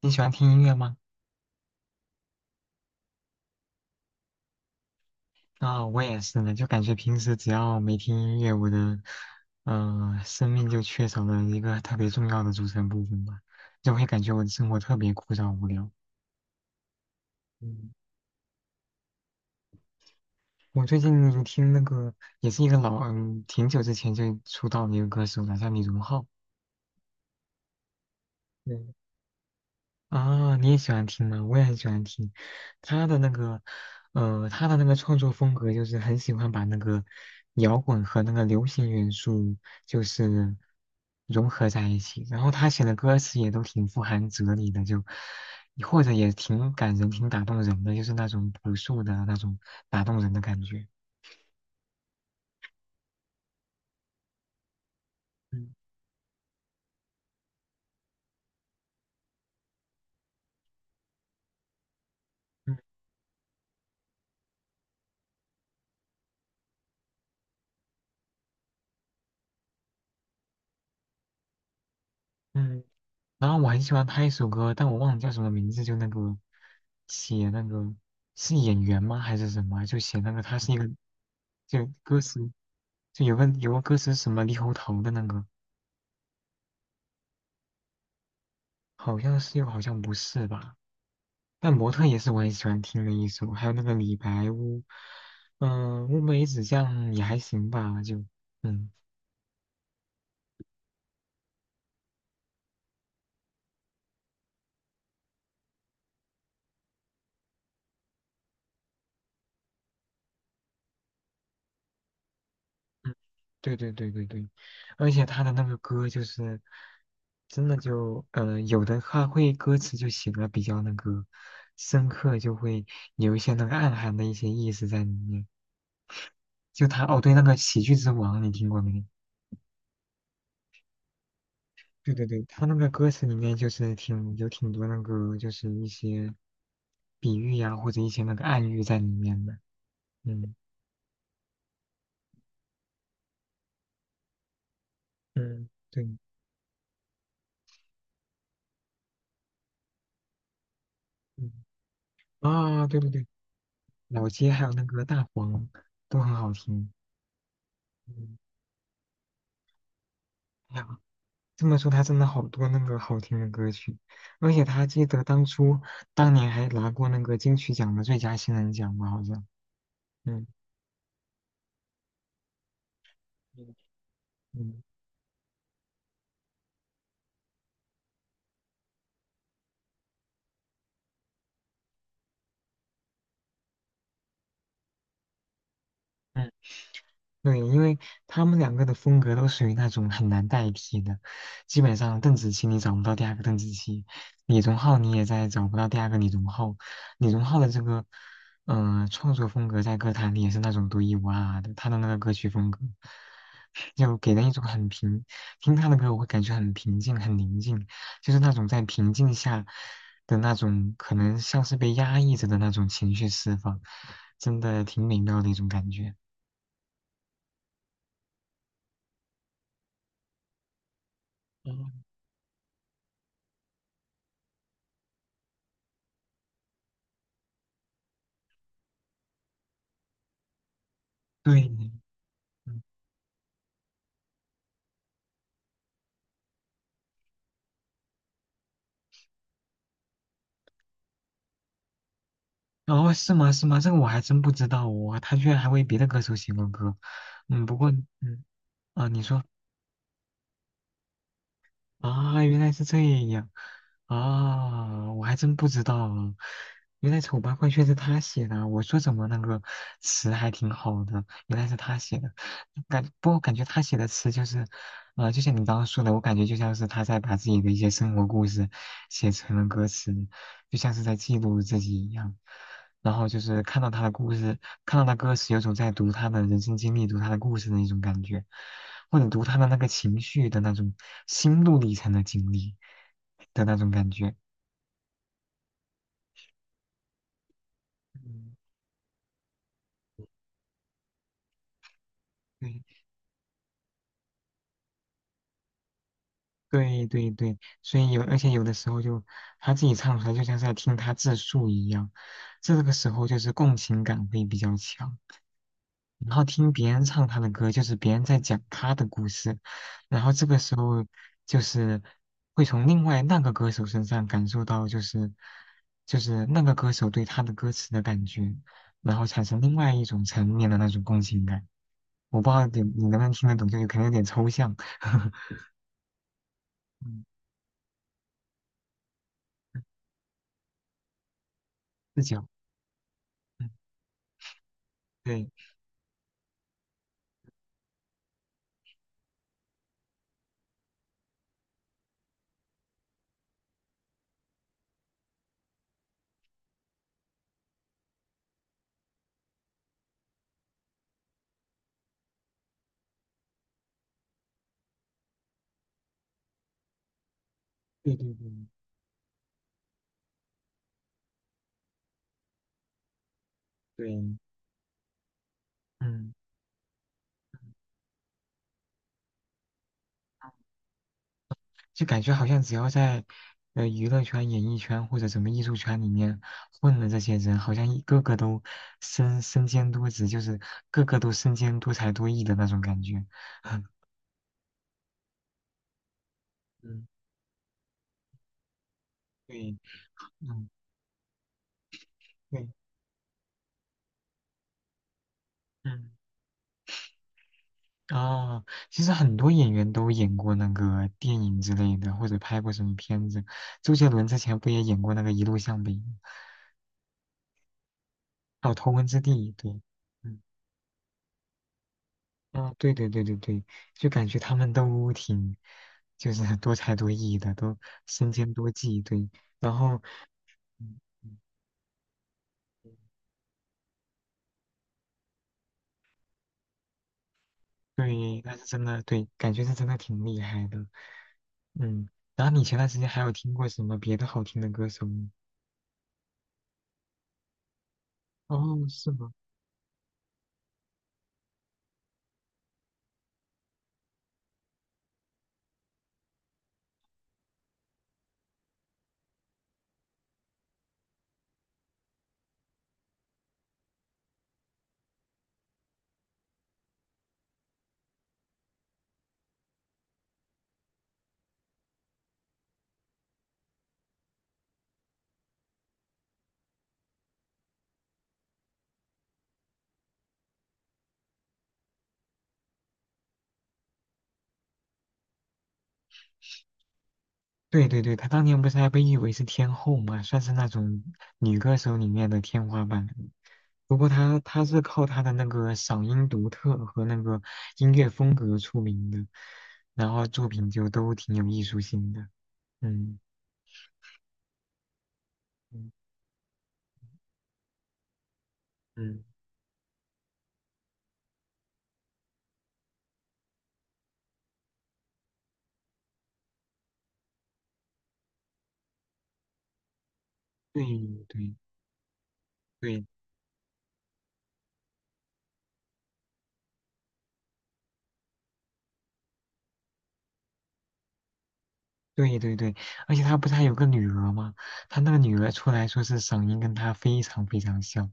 你喜欢听音乐吗？啊、我也是呢，就感觉平时只要没听音乐，我的生命就缺少了一个特别重要的组成部分吧，就会感觉我的生活特别枯燥无聊。嗯，我最近听那个也是一个老挺久之前就出道的一个歌手了，叫李荣浩。对啊，你也喜欢听吗？我也很喜欢听他的那个，他的那个创作风格就是很喜欢把那个摇滚和那个流行元素就是融合在一起，然后他写的歌词也都挺富含哲理的，就或者也挺感人、挺打动人的，就是那种朴素的那种打动人的感觉。嗯嗯嗯，然后我很喜欢他一首歌，但我忘了叫什么名字，就那个写那个是演员吗还是什么？就写那个他是一个就歌词，就有个歌词是什么猕猴桃的那个，好像是又好像不是吧？但模特也是我很喜欢听的一首，还有那个李白乌，嗯、乌梅子酱也还行吧，就嗯。对对对对对，而且他的那个歌就是，真的就，有的他会歌词就写的比较那个深刻，就会有一些那个暗含的一些意思在里面。就他，哦，对，那个《喜剧之王》你听过没？对对对，他那个歌词里面就是挺有挺多那个就是一些比喻呀、或者一些那个暗喻在里面的。嗯嗯，对，嗯啊，对对对，老街还有那个大黄都很好听。嗯。哎呀这么说，他真的好多那个好听的歌曲，而且他记得当初当年还拿过那个金曲奖的最佳新人奖吧，好像。嗯嗯嗯嗯对，因为他们两个的风格都属于那种很难代替的，基本上邓紫棋你找不到第二个邓紫棋，李荣浩你也在找不到第二个李荣浩。李荣浩的这个，嗯、创作风格在歌坛里也是那种独一无二的，他的那个歌曲风格，就给人一种很平，听他的歌我会感觉很平静、很宁静，就是那种在平静下的那种，可能像是被压抑着的那种情绪释放，真的挺美妙的一种感觉。对，嗯，哦，是吗？是吗？这个我还真不知道哦，他居然还为别的歌手写过歌，嗯，不过，嗯，啊，你说啊，原来是这样，啊，我还真不知道啊原来《丑八怪》却是他写的啊，我说怎么那个词还挺好的，原来是他写的，感，不过感觉他写的词就是，啊，就像你刚刚说的，我感觉就像是他在把自己的一些生活故事写成了歌词，就像是在记录自己一样。然后就是看到他的故事，看到他歌词，有种在读他的人生经历、读他的故事的一种感觉，或者读他的那个情绪的那种心路历程的经历的那种感觉。嗯，对对对对，所以有，而且有的时候就他自己唱出来，就像是在听他自述一样，这个时候就是共情感会比较强。然后听别人唱他的歌，就是别人在讲他的故事，然后这个时候就是会从另外那个歌手身上感受到，就是就是那个歌手对他的歌词的感觉，然后产生另外一种层面的那种共情感。我不知道你能不能听得懂，就是可能有点抽象，嗯，视角，嗯，对，对对对对，嗯。就感觉好像只要在娱乐圈、演艺圈或者什么艺术圈里面混的这些人，好像一个个都身兼多职，就是个个都身兼多才多艺的那种感觉。嗯，对，嗯，对，嗯，啊，其实很多演员都演过那个电影之类的，或者拍过什么片子。周杰伦之前不也演过那个《一路向北》吗？还有《头文字 D》，对，嗯。啊，对对对对对，就感觉他们都挺，就是多才多艺的，都身兼多技，对，然后，嗯对，那是真的，对，感觉是真的挺厉害的，嗯，然后你前段时间还有听过什么别的好听的歌手吗？哦，是吗？对对对，她当年不是还被誉为是天后嘛，算是那种女歌手里面的天花板。不过他他是靠他的那个嗓音独特和那个音乐风格出名的，然后作品就都挺有艺术性的。嗯嗯嗯，对对对对对对，而且他不是还有个女儿吗？他那个女儿出来说是嗓音跟他非常非常像，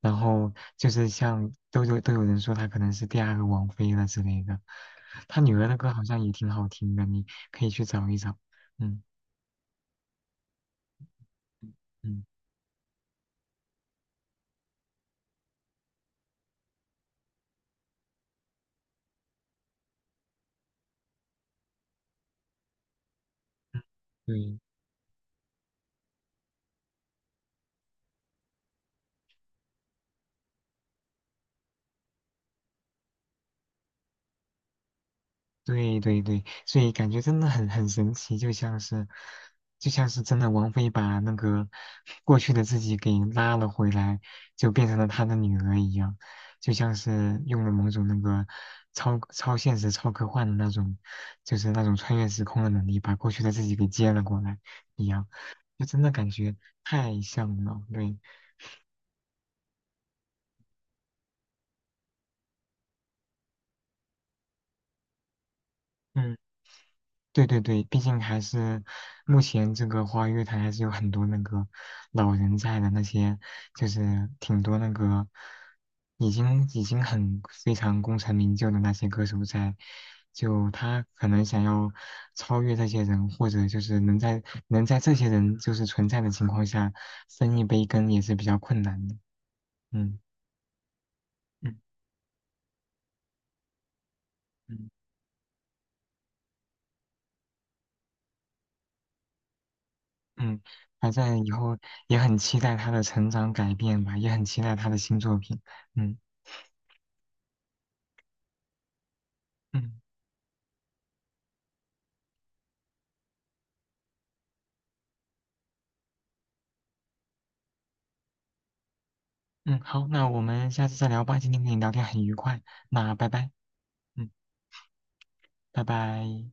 然后就是像都有人说他可能是第二个王菲了之类的。他女儿的歌好像也挺好听的，你可以去找一找。嗯嗯，对。对对对，所以感觉真的很很神奇，就像是，就像是真的王菲把那个过去的自己给拉了回来，就变成了她的女儿一样，就像是用了某种那个超现实、超科幻的那种，就是那种穿越时空的能力，把过去的自己给接了过来一样，就真的感觉太像了。对，嗯。对对对，毕竟还是目前这个花乐坛还是有很多那个老人在的，那些就是挺多那个已经很非常功成名就的那些歌手在，就他可能想要超越这些人，或者就是能在这些人就是存在的情况下分一杯羹也是比较困难的。嗯嗯嗯嗯，反正以后也很期待他的成长改变吧，也很期待他的新作品。嗯。嗯嗯，好，那我们下次再聊吧。今天跟你聊天很愉快，那拜拜。嗯，拜拜。